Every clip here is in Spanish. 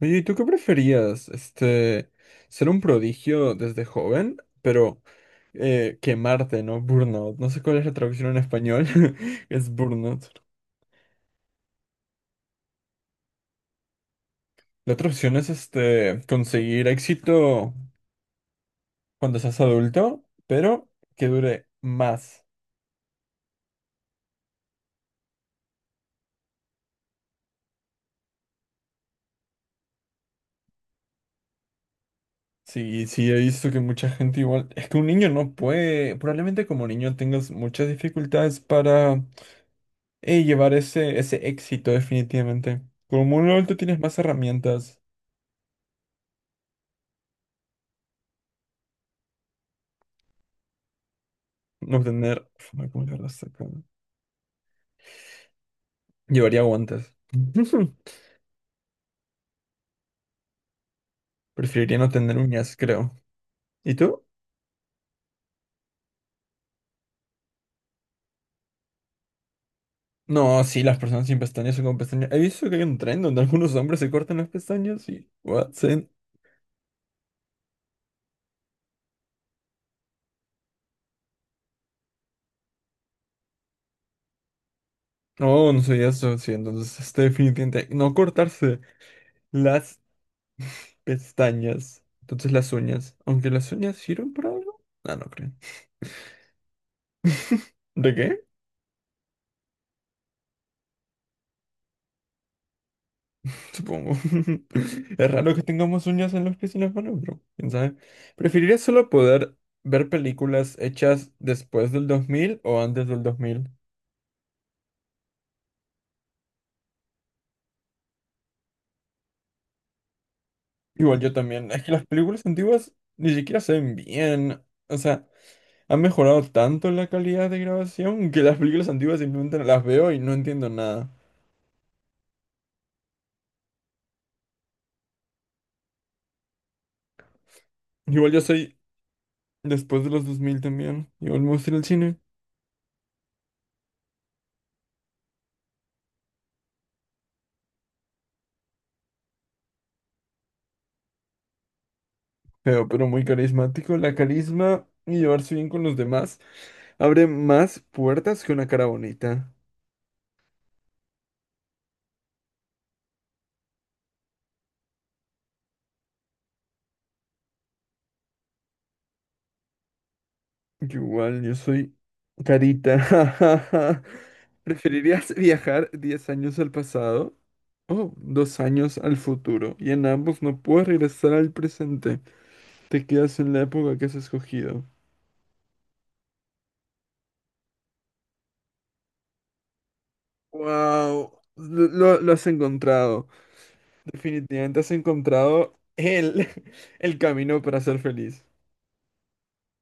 Oye, ¿y tú qué preferías? Ser un prodigio desde joven, pero quemarte, ¿no? Burnout. No sé cuál es la traducción en español. Es burnout. La otra opción es conseguir éxito cuando seas adulto, pero que dure más. Sí, sí, he visto que mucha gente igual. Es que un niño no puede. Probablemente como niño tengas muchas dificultades para llevar ese éxito, definitivamente. Como un adulto tienes más herramientas. No tener. Ay, ¿cómo llegar hasta acá? Llevaría guantes. Preferiría no tener uñas, creo. ¿Y tú? No, sí, las personas sin pestañas o con pestañas. He visto que hay un tren donde algunos hombres se cortan las pestañas y. What? Sí. No, no soy eso. Sí, entonces definitivamente. No cortarse las pestañas. Entonces las uñas. Aunque las uñas sirven para algo. Ah, no creo. ¿De qué? Supongo. Es raro que tengamos uñas en los pies y en las manos, pero quién sabe. ¿Preferirías solo poder ver películas hechas después del 2000 o antes del dos mil? Igual yo también. Es que las películas antiguas ni siquiera se ven bien. O sea, ha mejorado tanto la calidad de grabación que las películas antiguas simplemente no las veo y no entiendo nada. Igual yo soy después de los 2000 también. Igual me gusta ir al cine. Feo, pero muy carismático. La carisma y llevarse bien con los demás abre más puertas que una cara bonita. Yo igual, yo soy carita. ¿Preferirías viajar 10 años al pasado o 2 años al futuro? Y en ambos no puedes regresar al presente. Te quedas en la época que has escogido. Wow, lo has encontrado. Definitivamente has encontrado el, el camino para ser feliz.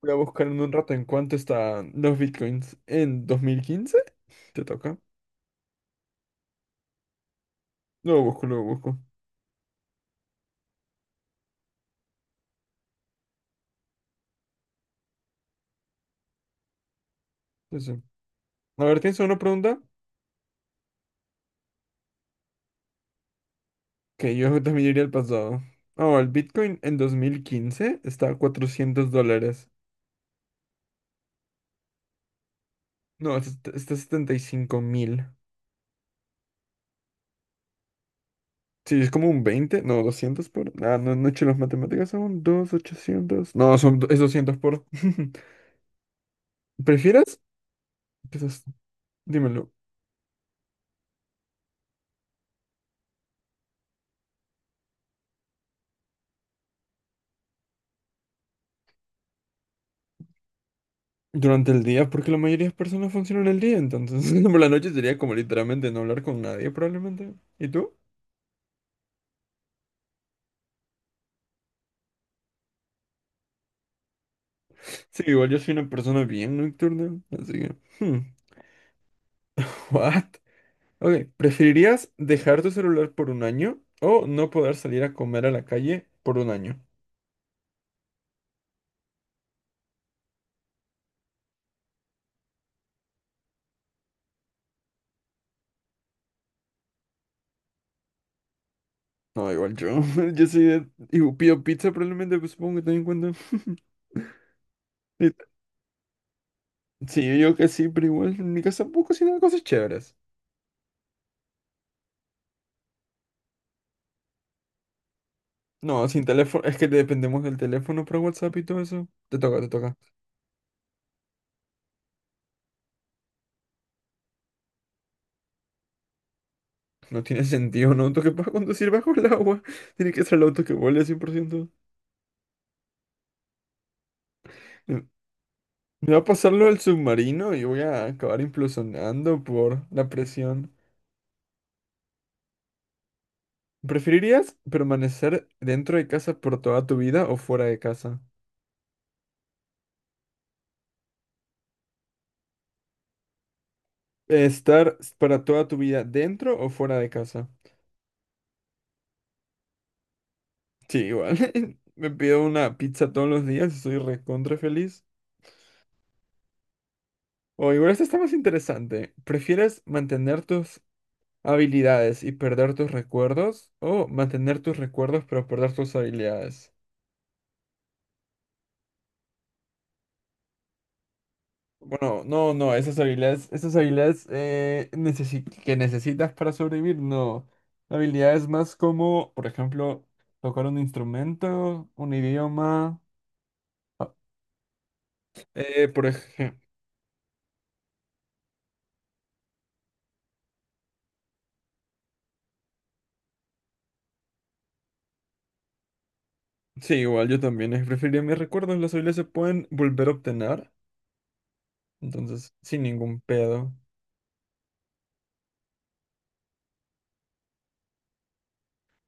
Voy a buscar en un rato en cuánto están los bitcoins. ¿En 2015 te toca? Luego busco, luego busco. Sí, sí. A ver, ¿tienes alguna pregunta? Que yo también iría al pasado. Oh, el bitcoin en 2015 está a $400. No, es- está a 75.000. Sí, es como un veinte. No, 200 por... Ah, no, no he hecho las matemáticas aún. Dos ochocientos. No, son, es 200 por... ¿Prefieres? Quizás, dímelo. Durante el día, porque la mayoría de personas funcionan el día, entonces por la noche sería como literalmente no hablar con nadie probablemente. ¿Y tú? Sí, igual yo soy una persona bien nocturna, así que... hmm, what? Ok, ¿preferirías dejar tu celular por 1 año o no poder salir a comer a la calle por 1 año? No, igual yo, yo soy de... y pido pizza probablemente, pues, supongo que ten en cuenta. Y- sí, yo que sí, pero igual en mi casa puedo cocinar cosas chéveres. No, sin teléfono, es que dependemos del teléfono para WhatsApp y todo eso. Te toca, te toca. No tiene sentido un auto que pueda conducir bajo el agua. Tiene que ser el auto que vuele 100%. Eh, Me me va a pasar lo del submarino y voy a acabar implosionando por la presión. ¿Preferirías permanecer dentro de casa por toda tu vida o fuera de casa? ¿Estar para toda tu vida dentro o fuera de casa? Sí, igual. Me pido una pizza todos los días y soy recontra feliz. O igual esta está más interesante. ¿Prefieres mantener tus habilidades y perder tus recuerdos o mantener tus recuerdos pero perder tus habilidades? Bueno, no, no, esas habilidades necesi- que necesitas para sobrevivir, no. Habilidades más como, por ejemplo, tocar un instrumento, un idioma. Ah, por ejemplo, sí, igual yo también preferiría mis recuerdos, las habilidades se pueden volver a obtener, entonces sin ningún pedo.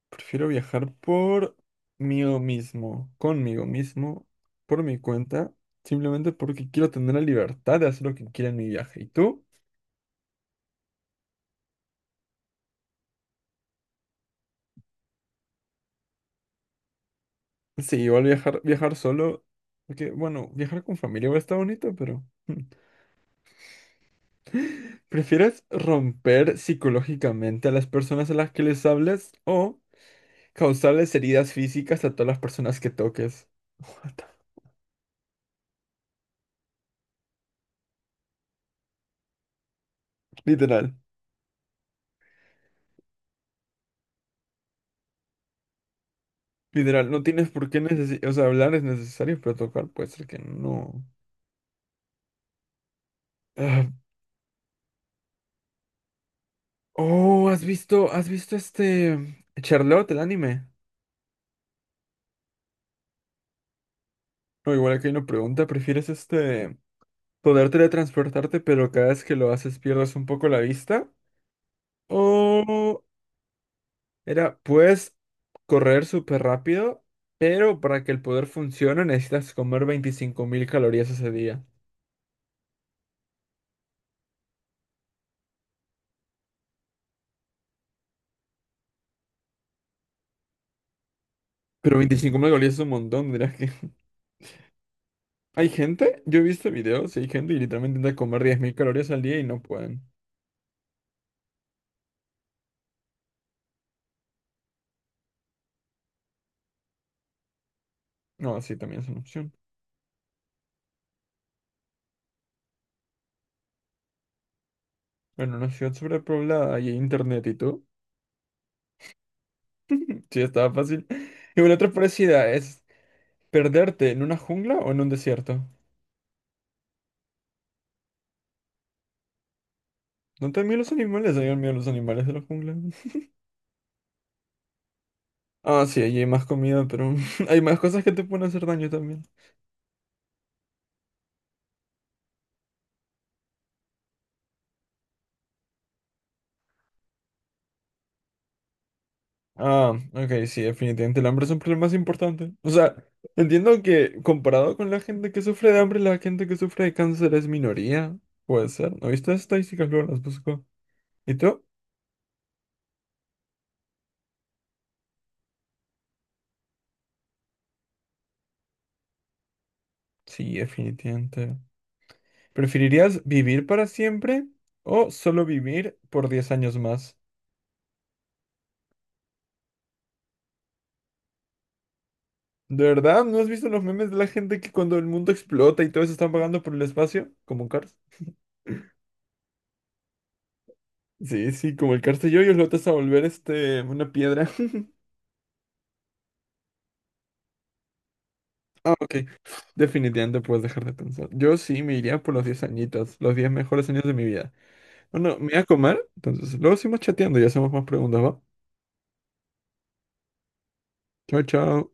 Prefiero viajar por mí mismo, conmigo mismo, por mi cuenta, simplemente porque quiero tener la libertad de hacer lo que quiera en mi viaje. ¿Y tú? Sí, igual viajar, viajar solo, porque bueno, viajar con familia igual está bonito, pero hmm. ¿Prefieres romper psicológicamente a las personas a las que les hables o causarles heridas físicas a todas las personas que toques? What the- literal, literal, no tienes por qué necesitar, o sea, hablar es necesario, pero tocar puede ser que no. Ah, oh, has visto Charlotte, el anime? No, igual aquí hay una pregunta, ¿prefieres poder teletransportarte pero cada vez que lo haces pierdes un poco la vista? O era, puedes correr súper rápido, pero para que el poder funcione necesitas comer 25.000 calorías ese día. Pero 25.000 calorías es un montón, dirás que... Hay gente, yo he visto videos, y hay gente que literalmente intenta comer 10.000 calorías al día y no pueden. No, así también es una opción. Bueno, una ciudad sobrepoblada y hay internet, ¿y tú? Sí, estaba fácil. Y una otra parecida es perderte en una jungla o en un desierto. No te dan miedo los animales, hay miedo los animales de la jungla. Ah, sí, allí hay más comida, pero hay más cosas que te pueden hacer daño también. Ah, ok, sí, definitivamente el hambre es un problema más importante. O sea, entiendo que comparado con la gente que sufre de hambre, la gente que sufre de cáncer es minoría. Puede ser. ¿No viste las estadísticas? Luego las busco. ¿Y tú? Sí, definitivamente. ¿Preferirías vivir para siempre o solo vivir por 10 años más? ¿De verdad? ¿No has visto los memes de la gente que cuando el mundo explota y todos están vagando por el espacio? ¿Como un Cars? Sí, sí, como el Cars te yo y lo vas a volver una piedra. Ah, ok. Definitivamente puedes dejar de pensar. Yo sí me iría por los 10 añitos, los 10 mejores años de mi vida. Bueno, me voy a comer, entonces luego seguimos chateando y hacemos más preguntas, ¿va? Chao, chao.